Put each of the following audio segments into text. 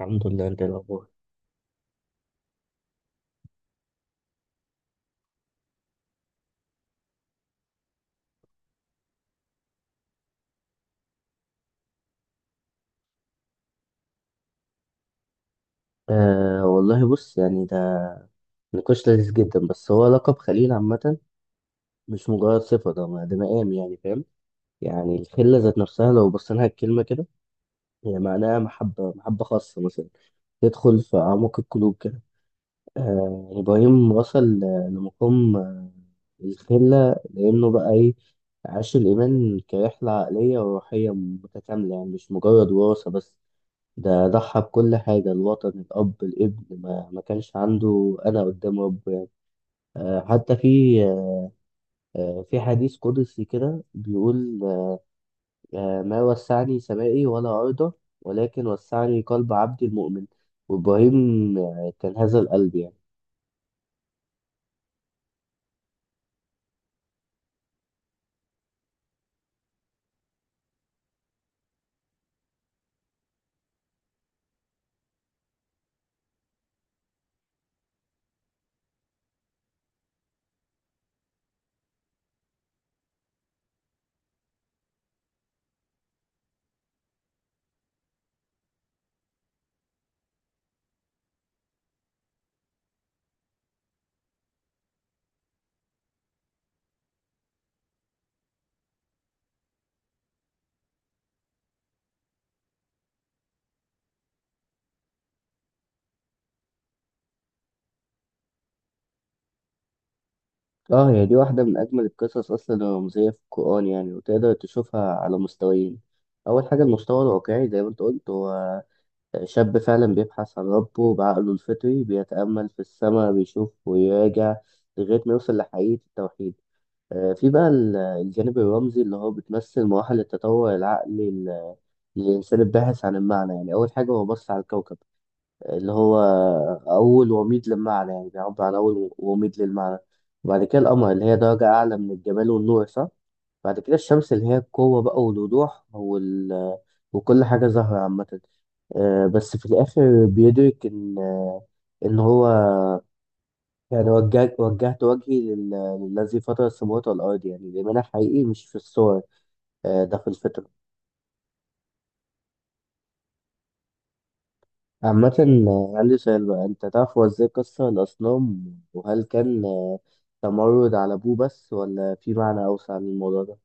الحمد لله، انت ايه الاخبار؟ والله بص، يعني ده نقاش لذيذ جدا، بس هو لقب خليل عامة، مش مجرد صفة. ده مقام، يعني فاهم. يعني الخلة ذات نفسها لو بصينا لها الكلمة كده، هي معناها محبة، محبة خاصة مثلا تدخل في أعماق القلوب كده. إبراهيم وصل لمقام الخلة، لأنه بقى إيه؟ عاش الإيمان كرحلة عقلية وروحية متكاملة، يعني مش مجرد وراثة بس. ده ضحى بكل حاجة، الوطن، الأب، الابن، ما كانش عنده أنا قدام رب يعني. آه، حتى في آه، في حديث قدسي كده بيقول ما وسعني سمائي ولا أرضه، ولكن وسعني قلب عبدي المؤمن. وإبراهيم كان هذا القلب يعني. اه، هي دي واحدة من أجمل القصص أصلا، الرمزية في القرآن، يعني وتقدر تشوفها على مستويين. أول حاجة المستوى الواقعي زي ما أنت قلت، هو شاب فعلا بيبحث عن ربه بعقله الفطري، بيتأمل في السماء، بيشوف ويراجع لغاية ما يوصل لحقيقة التوحيد. في بقى الجانب الرمزي اللي هو بتمثل مراحل التطور العقلي للإنسان الباحث عن المعنى، يعني أول حاجة هو بص على الكوكب اللي هو أول وميض للمعنى، يعني بيعبر عن أول وميض للمعنى. وبعد كده القمر اللي هي درجة أعلى من الجمال والنور، صح؟ بعد كده الشمس اللي هي القوة بقى والوضوح وال... وكل حاجة ظاهرة عامة. بس في الآخر بيدرك إن هو يعني وجهت وجهي للذي فطر السماوات والأرض، يعني الإيمان الحقيقي مش في الصور، ده في الفطرة عامة. عندي سؤال بقى، أنت تعرف هو إزاي كسر الأصنام؟ وهل كان تمرد على أبوه بس، ولا في معنى أوسع للموضوع ده؟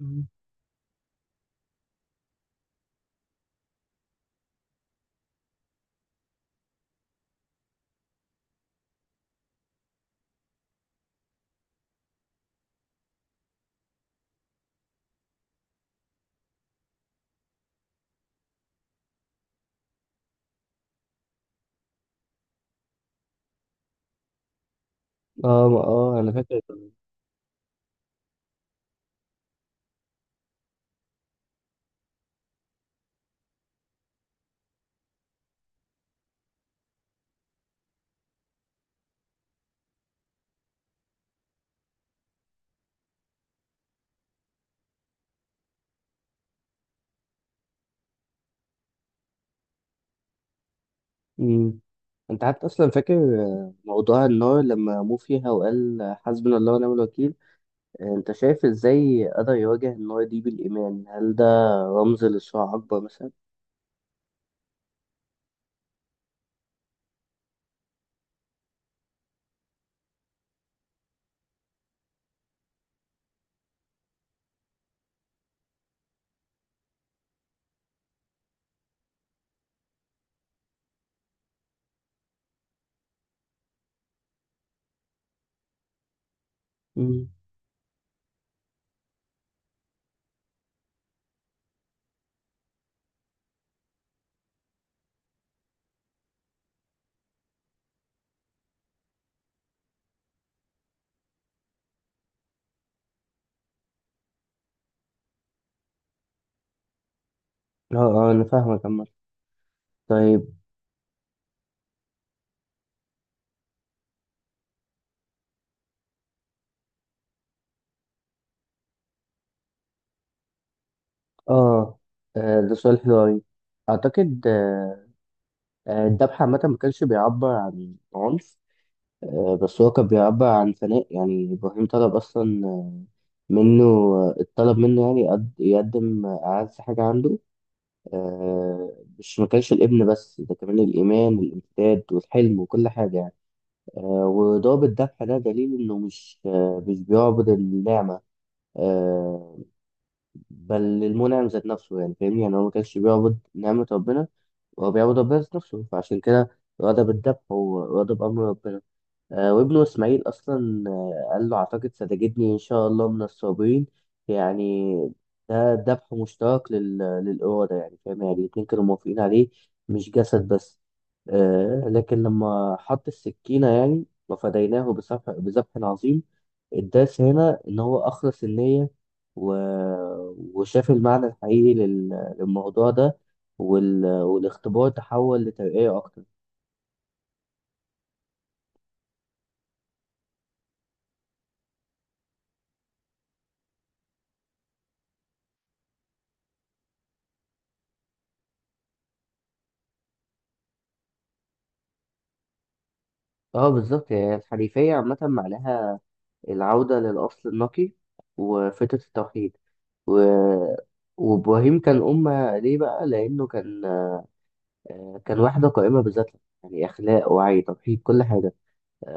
مم. آه آه، أنا فاكر كمان. مم. أنت حتى أصلا فاكر موضوع النار لما مو فيها وقال حسبنا الله ونعم الوكيل؟ انت شايف ازاي قدر يواجه النار دي بالايمان؟ هل ده رمز لصراع اكبر مثلا؟ مم. اه اه، انا فاهمك عمال. طيب. اه، ده سؤال حلو. اعتقد الذبح عامه ما كانش بيعبر عن عنف، بس هو كان بيعبر عن فناء. يعني ابراهيم طلب اصلا منه، الطلب منه يعني يقدم اعز حاجه عنده. مش، ما كانش الابن بس، ده كمان الايمان والامتداد والحلم وكل حاجه يعني. وضابط الذبح ده دليل إنه مش بيعبد النعمة، آه، بل المنعم ذات نفسه، يعني فاهمني. يعني هو ما كانش بيعبد نعمة ربنا، هو بيعبد ربنا ذات نفسه، فعشان كده غضب الذبح هو غضب أمر ربنا. وابنه اسماعيل اصلا قال له اعتقد ستجدني ان شاء الله من الصابرين، يعني ده ذبح مشترك للاراده، يعني فاهم، يعني الاتنين كانوا موافقين عليه، مش جسد بس. لكن لما حط السكينه يعني، وفديناه بذبح عظيم. الدرس هنا ان هو اخلص النيه و... وشاف المعنى الحقيقي للموضوع ده، والاختبار تحول لترقيه اكتر. اه بالظبط يعني. الحنيفية عامة معناها العودة للأصل النقي وفترة التوحيد، و... وإبراهيم كان أمة. ليه بقى؟ لأنه كان كان واحدة قائمة بذاتها، يعني أخلاق، وعي، توحيد، كل حاجة.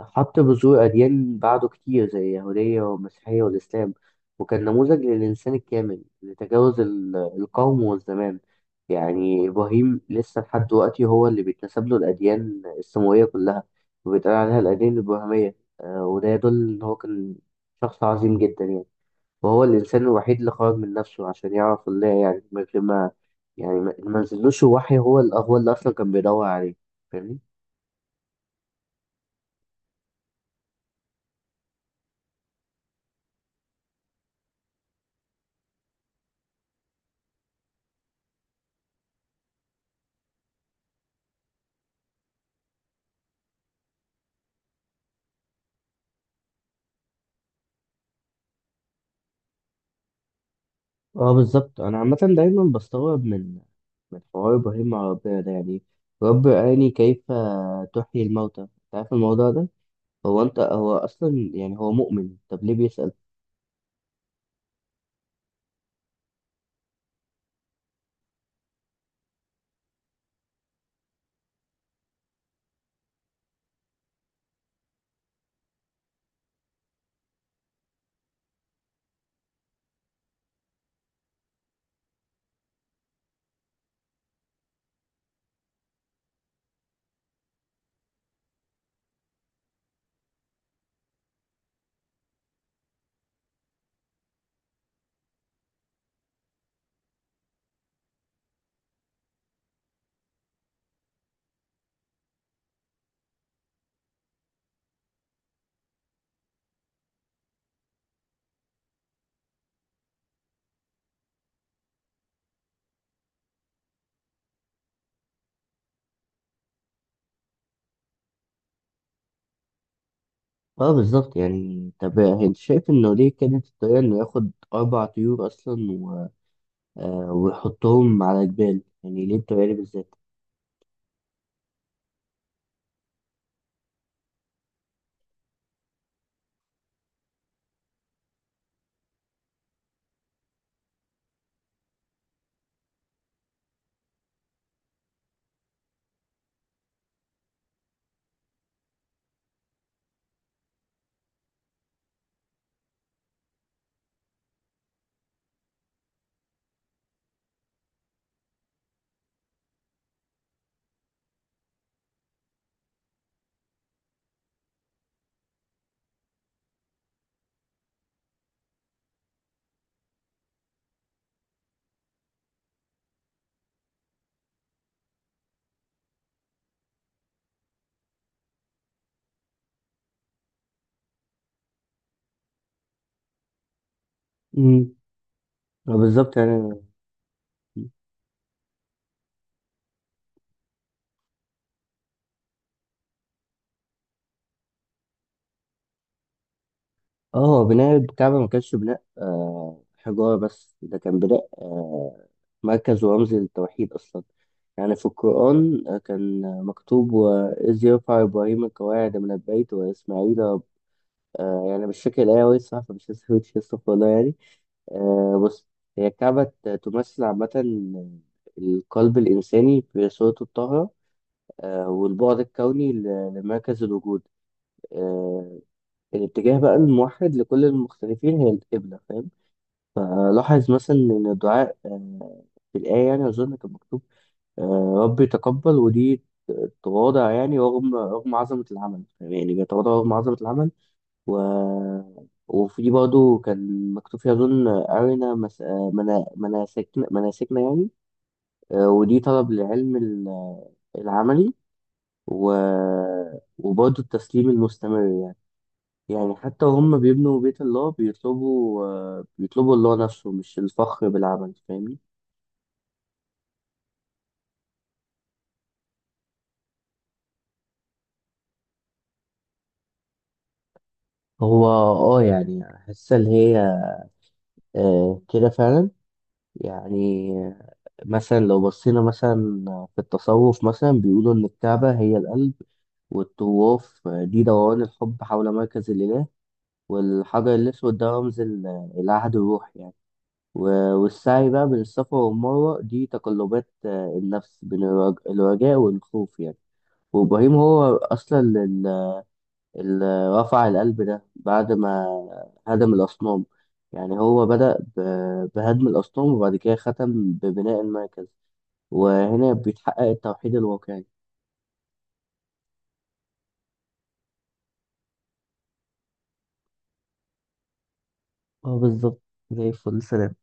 حط بذور أديان بعده كتير زي اليهودية والمسيحية والإسلام، وكان نموذج للإنسان الكامل لتجاوز القوم والزمان. يعني إبراهيم لسه لحد دلوقتي هو اللي بيتنسب له الأديان السماوية كلها، وبيتقال عليها الأديان الإبراهيمية. وده يدل إن هو كان شخص عظيم جدا يعني. وهو الإنسان الوحيد اللي خرج من نفسه عشان يعرف الله، يعني من غير ما، يعني ما نزلوش وحي، هو هو اللي أصلا كان بيدور عليه، فاهمني؟ اه بالظبط، انا عامه دايما بستغرب من حوار ابراهيم مع ربنا ده، يعني رب اراني كيف تحيي الموتى، انت عارف الموضوع ده. هو انت، هو اصلا يعني هو مؤمن، طب ليه بيسأل؟ اه بالظبط يعني. طب انت شايف انه ليه كانت الطريقه انه ياخد اربع طيور اصلا و... ويحطهم على جبال؟ يعني ليه الطريقه دي بالذات؟ امم. اه بالظبط يعني. اه، هو بناء الكعبة ما كانش بناء حجارة بس، ده كان بناء مركز ورمز للتوحيد أصلا. يعني في القرآن كان مكتوب: وإذ يرفع إبراهيم القواعد من البيت وإسماعيل رب-. يعني مش فاكر الآية أوي الصراحة، فمش هسويتش، استغفر الله يعني. بص، هي الكعبة تمثل عامة القلب الإنساني في صورته الطاهرة، والبعد الكوني لمركز الوجود. آه، الاتجاه بقى الموحد لكل المختلفين هي القبلة، فاهم. لاحظ مثلا إن الدعاء في الآية يعني أظن كان مكتوب ربي تقبل، ودي تواضع، يعني رغم عظمة العمل، يعني بيتواضع رغم عظمة العمل. و... وفي برضه كان مكتوب فيها أظن أرنا مس... آه، منا... مناسكنا مناسكنا يعني. ودي طلب للعلم العملي، و... وبرضه التسليم المستمر. يعني حتى هم بيبنوا بيت الله بيطلبوا الله نفسه، مش الفخر بالعمل، فاهمني. هو اه يعني حاسة اللي هي كده فعلا. يعني مثلا لو بصينا مثلا في التصوف مثلا بيقولوا إن الكعبة هي القلب، والطواف دي دوران الحب حول مركز الإله، والحجر الأسود ده رمز العهد الروحي يعني. والسعي بقى بين الصفا والمروة دي تقلبات النفس بين الرجاء والخوف يعني. وابراهيم هو اصلا اللي رفع القلب ده بعد ما هدم الاصنام. يعني هو بدأ بهدم الاصنام، وبعد كده ختم ببناء المركز، وهنا بيتحقق التوحيد الواقعي. اه بالظبط. زي الفل. سلام.